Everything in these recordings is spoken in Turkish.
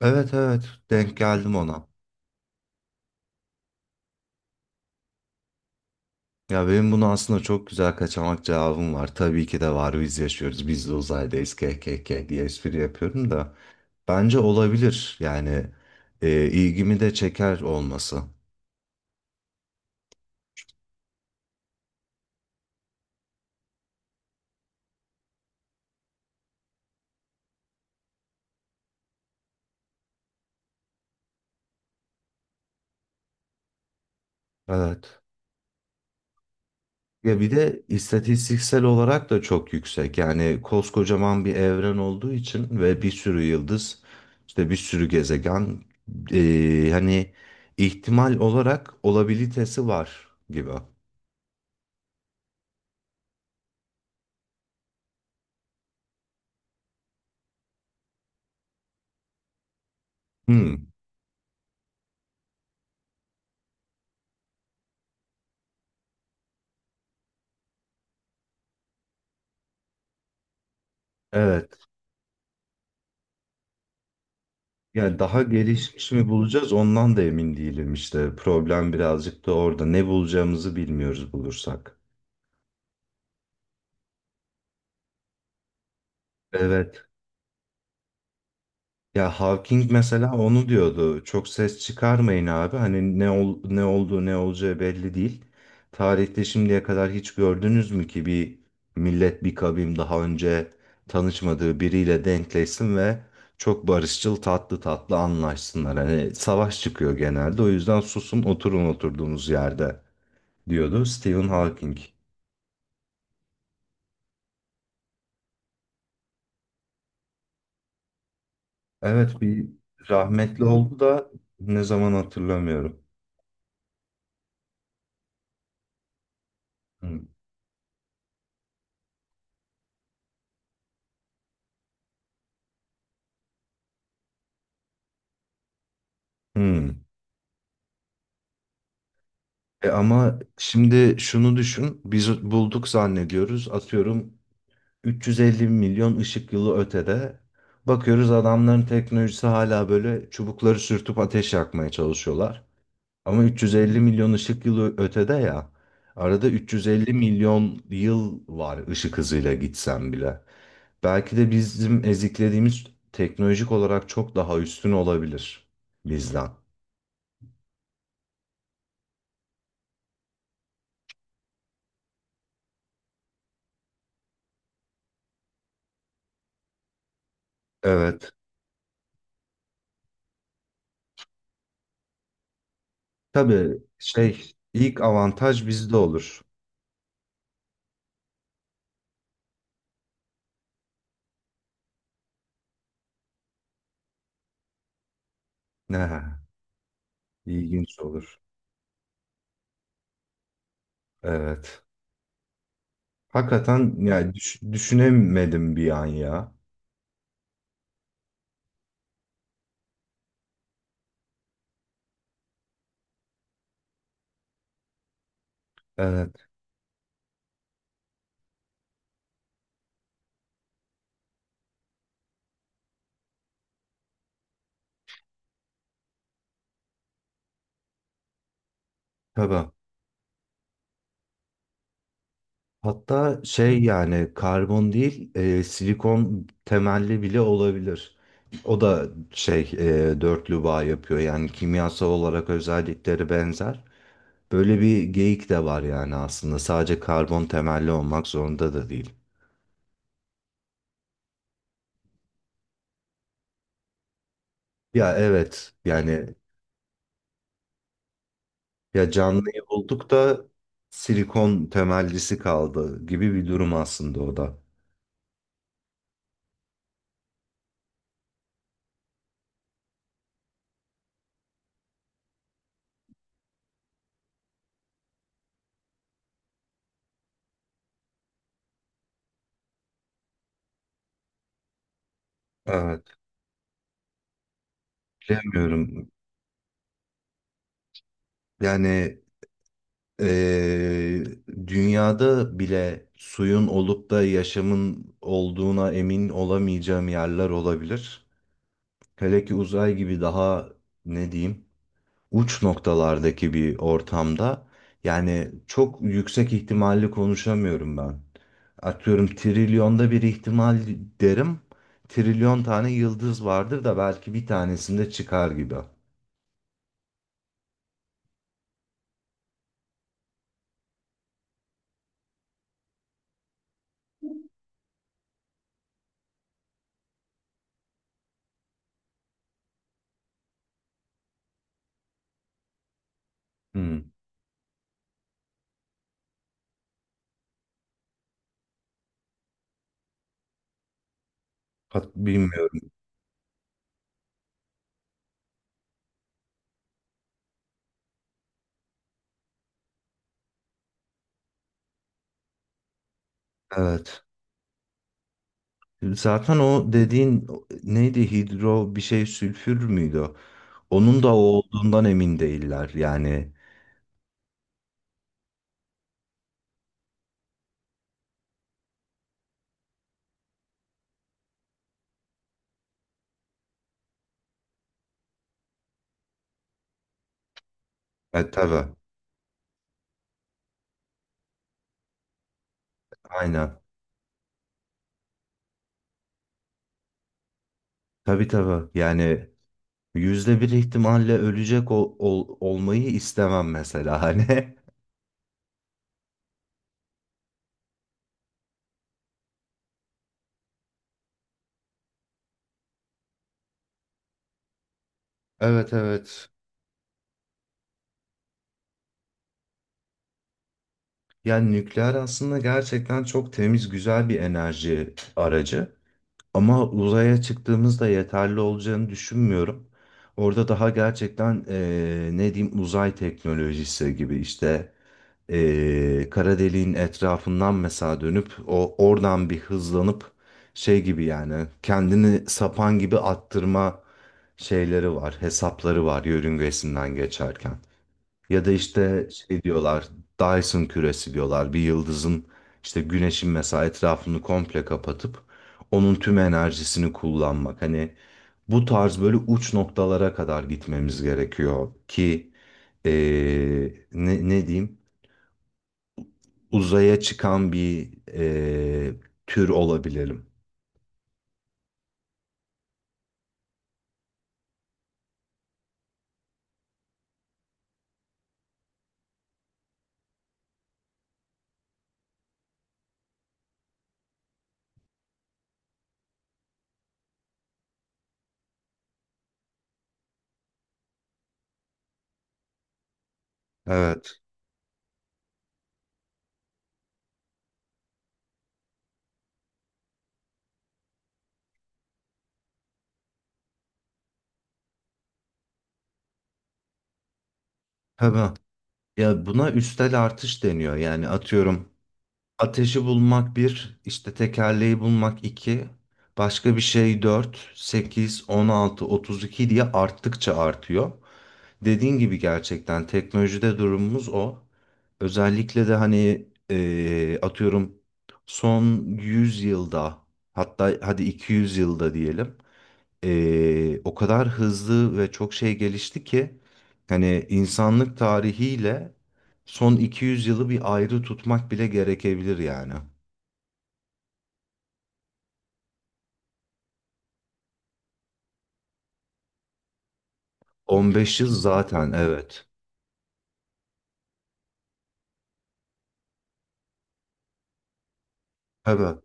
Evet evet denk geldim ona. Ya benim bunu aslında çok güzel kaçamak cevabım var. Tabii ki de var, biz yaşıyoruz, biz de uzaydayız kkk diye espri yapıyorum da. Bence olabilir yani, ilgimi de çeker olması. Evet. Ya bir de istatistiksel olarak da çok yüksek. Yani koskocaman bir evren olduğu için ve bir sürü yıldız, işte bir sürü gezegen, hani ihtimal olarak olabilitesi var gibi. Hmm. Evet. Yani daha gelişmiş mi bulacağız ondan da emin değilim işte. Problem birazcık da orada. Ne bulacağımızı bilmiyoruz bulursak. Evet. Ya Hawking mesela onu diyordu. Çok ses çıkarmayın abi. Hani ne olduğu ne olacağı belli değil. Tarihte şimdiye kadar hiç gördünüz mü ki bir millet, bir kavim, daha önce tanışmadığı biriyle denkleşsin ve çok barışçıl, tatlı tatlı anlaşsınlar. Hani savaş çıkıyor genelde. O yüzden susun, oturun oturduğunuz yerde, diyordu Stephen Hawking. Evet, bir rahmetli oldu da ne zaman hatırlamıyorum. Hmm. Hmm. E ama şimdi şunu düşün. Biz bulduk zannediyoruz. Atıyorum 350 milyon ışık yılı ötede. Bakıyoruz, adamların teknolojisi hala böyle çubukları sürtüp ateş yakmaya çalışıyorlar. Ama 350 milyon ışık yılı ötede ya. Arada 350 milyon yıl var ışık hızıyla gitsen bile. Belki de bizim eziklediğimiz teknolojik olarak çok daha üstün olabilir bizden. Evet. Tabii şey, ilk avantaj bizde olur. Ne ilginç olur. Evet. Hakikaten yani düşünemedim bir an ya. Evet. Tabii. Hatta şey, yani karbon değil, silikon temelli bile olabilir. O da şey, dörtlü bağ yapıyor, yani kimyasal olarak özellikleri benzer. Böyle bir geyik de var yani, aslında sadece karbon temelli olmak zorunda da değil. Ya evet yani, ya canlıyı bulduk da silikon temellisi kaldı gibi bir durum aslında o da. Evet, bilemiyorum yani. Eee, Dünyada bile suyun olup da yaşamın olduğuna emin olamayacağım yerler olabilir. Hele ki uzay gibi daha, ne diyeyim, uç noktalardaki bir ortamda, yani çok yüksek ihtimalli konuşamıyorum ben. Atıyorum trilyonda bir ihtimal derim. Trilyon tane yıldız vardır da belki bir tanesinde çıkar gibi. Hmm. Bilmiyorum. Evet. Zaten o dediğin neydi, hidro bir şey, sülfür müydü o? Onun da o olduğundan emin değiller yani. E, tabii, aynen. Tabii tabii, yani yüzde bir ihtimalle ölecek olmayı istemem mesela hani. Evet evet. Yani nükleer aslında gerçekten çok temiz, güzel bir enerji aracı. Ama uzaya çıktığımızda yeterli olacağını düşünmüyorum. Orada daha gerçekten ne diyeyim, uzay teknolojisi gibi işte, kara deliğin etrafından mesela dönüp o oradan bir hızlanıp şey gibi, yani kendini sapan gibi attırma şeyleri var, hesapları var yörüngesinden geçerken. Ya da işte şey diyorlar, Dyson küresi diyorlar. Bir yıldızın, işte güneşin mesela, etrafını komple kapatıp onun tüm enerjisini kullanmak. Hani bu tarz, böyle uç noktalara kadar gitmemiz gerekiyor ki ne diyeyim, uzaya çıkan bir tür olabilirim. Evet. Tabii. Ya buna üstel artış deniyor. Yani atıyorum, ateşi bulmak bir, işte tekerleği bulmak 2, başka bir şey 4, 8, 16, 32 diye arttıkça artıyor. Dediğin gibi gerçekten teknolojide durumumuz o. Özellikle de hani atıyorum son 100 yılda, hatta hadi 200 yılda diyelim, o kadar hızlı ve çok şey gelişti ki hani insanlık tarihiyle son 200 yılı bir ayrı tutmak bile gerekebilir yani. 15 yıl zaten, evet. Evet,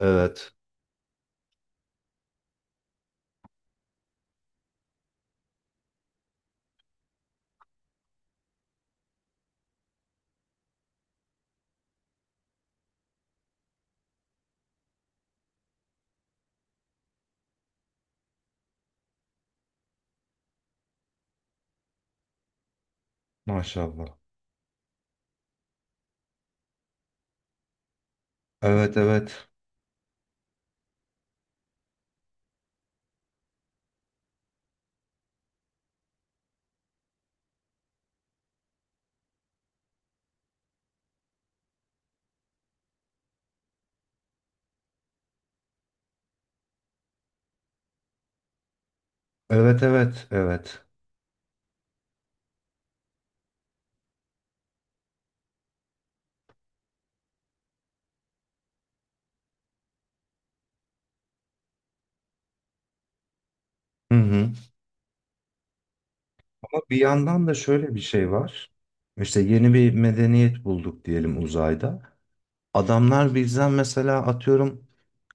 evet. Maşallah. Evet, evet. Evet, evet, evet. Hı hı. Ama bir yandan da şöyle bir şey var. İşte yeni bir medeniyet bulduk diyelim uzayda. Adamlar bizden mesela atıyorum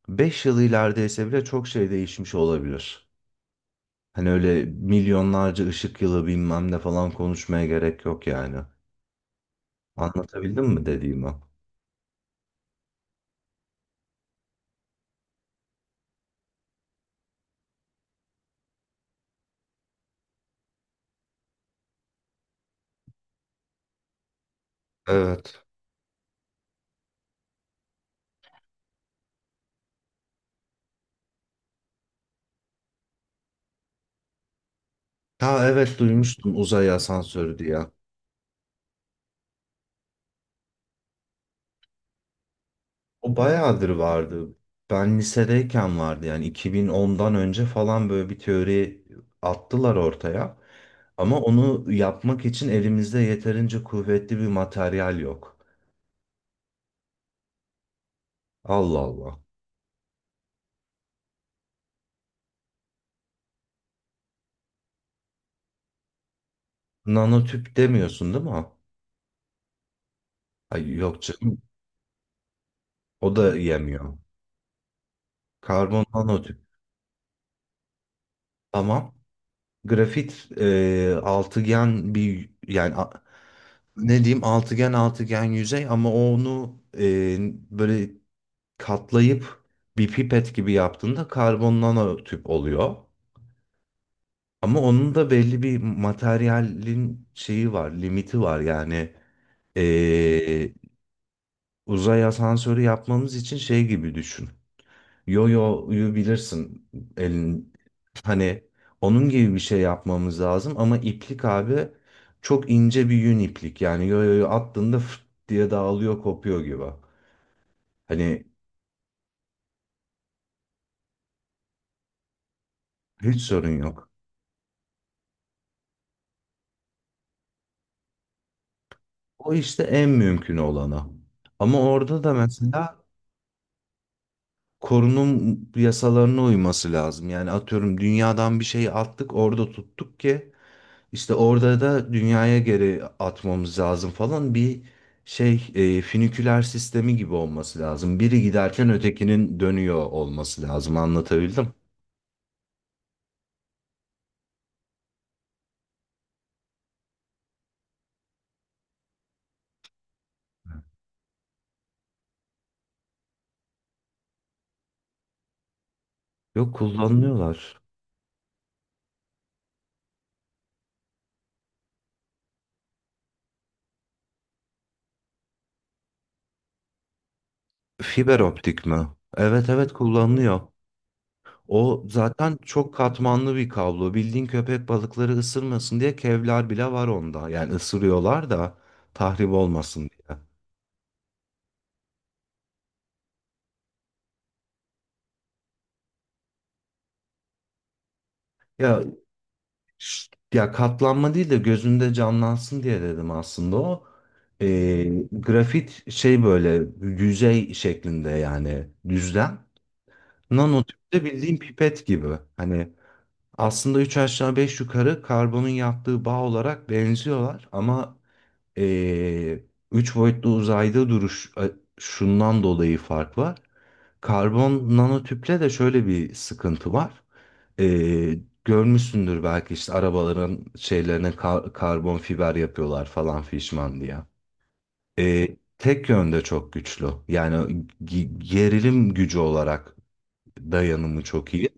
5 yıl ilerideyse bile çok şey değişmiş olabilir. Hani öyle milyonlarca ışık yılı bilmem ne falan konuşmaya gerek yok yani. Anlatabildim mi dediğimi? Evet. Ha evet, duymuştum, uzay asansörü diye. O bayağıdır vardı. Ben lisedeyken vardı yani, 2010'dan önce falan böyle bir teori attılar ortaya. Ama onu yapmak için elimizde yeterince kuvvetli bir materyal yok. Allah Allah. Nanotüp demiyorsun değil mi? Ay yok canım. O da yemiyor. Karbon nanotüp. Tamam. Grafit, altıgen bir, yani ne diyeyim altıgen, altıgen yüzey, ama onu, böyle katlayıp bir pipet gibi yaptığında karbon nanotüp oluyor. Ama onun da belli bir materyalin şeyi var, limiti var, yani e, uzay asansörü yapmamız için şey gibi düşün. Yo-yo'yu bilirsin, elin, hani onun gibi bir şey yapmamız lazım ama iplik abi, çok ince bir yün iplik, yani yo-yo'yu attığında fıt diye dağılıyor, kopuyor gibi. Hani, hiç sorun yok. O işte en mümkün olanı. Ama orada da mesela korunum yasalarına uyması lazım. Yani atıyorum dünyadan bir şey attık orada tuttuk ki, İşte orada da dünyaya geri atmamız lazım falan, bir şey, füniküler sistemi gibi olması lazım. Biri giderken ötekinin dönüyor olması lazım. Anlatabildim. Yok, kullanılıyorlar. Fiber optik mi? Evet evet, kullanılıyor. O zaten çok katmanlı bir kablo. Bildiğin köpek balıkları ısırmasın diye kevlar bile var onda. Yani ısırıyorlar da tahrip olmasın diye. Ya şşt, ya katlanma değil de gözünde canlansın diye dedim aslında o. Grafit şey böyle yüzey şeklinde, yani düzlem. Nanotüp de bildiğin pipet gibi. Hani aslında üç aşağı beş yukarı karbonun yaptığı bağ olarak benziyorlar ama ee, üç boyutlu uzayda şundan dolayı fark var. Karbon nanotüple de şöyle bir sıkıntı var. Ee, Görmüşsündür belki, işte arabaların şeylerine karbon fiber yapıyorlar falan fişman diye. Tek yönde çok güçlü. Yani gerilim gücü olarak dayanımı çok iyi.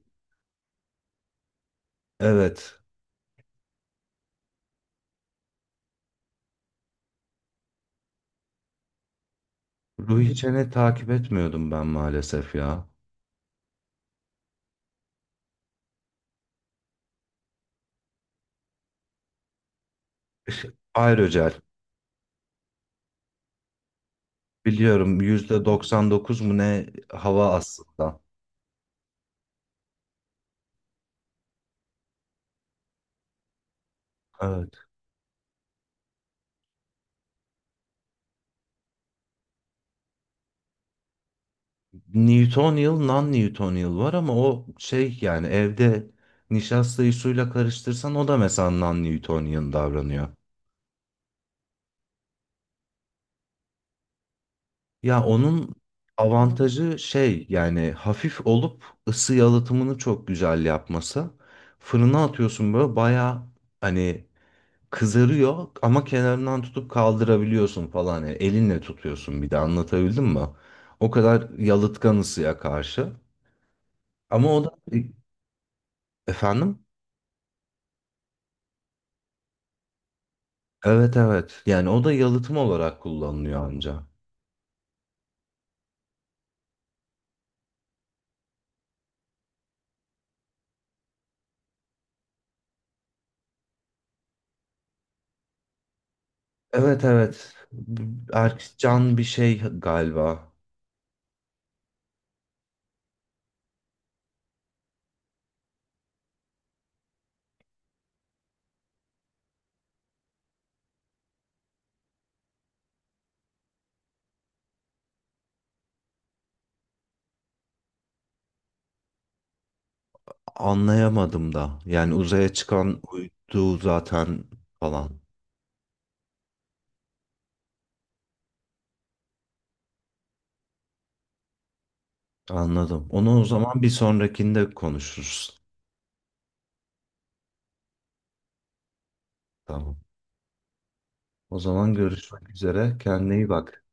Evet. Ruhi Çen'i takip etmiyordum ben maalesef ya. Aerogel. Biliyorum, %99 mu ne hava aslında. Evet. Newtonial, non-Newtonial var ama o şey, yani evde nişastayı suyla karıştırsan o da mesela non-Newtonian davranıyor. Ya onun avantajı şey, yani hafif olup ısı yalıtımını çok güzel yapması. Fırına atıyorsun böyle baya, hani kızarıyor ama kenarından tutup kaldırabiliyorsun falan. Yani elinle tutuyorsun bir de, anlatabildim mi? O kadar yalıtkan ısıya karşı. Ama o da, efendim? Evet evet. Yani o da yalıtım olarak kullanılıyor anca. Evet evet. Erkcan bir şey galiba. Anlayamadım da. Yani uzaya çıkan uydu zaten falan. Anladım. Onu o zaman bir sonrakinde konuşuruz. Tamam. O zaman görüşmek üzere. Kendine iyi bak.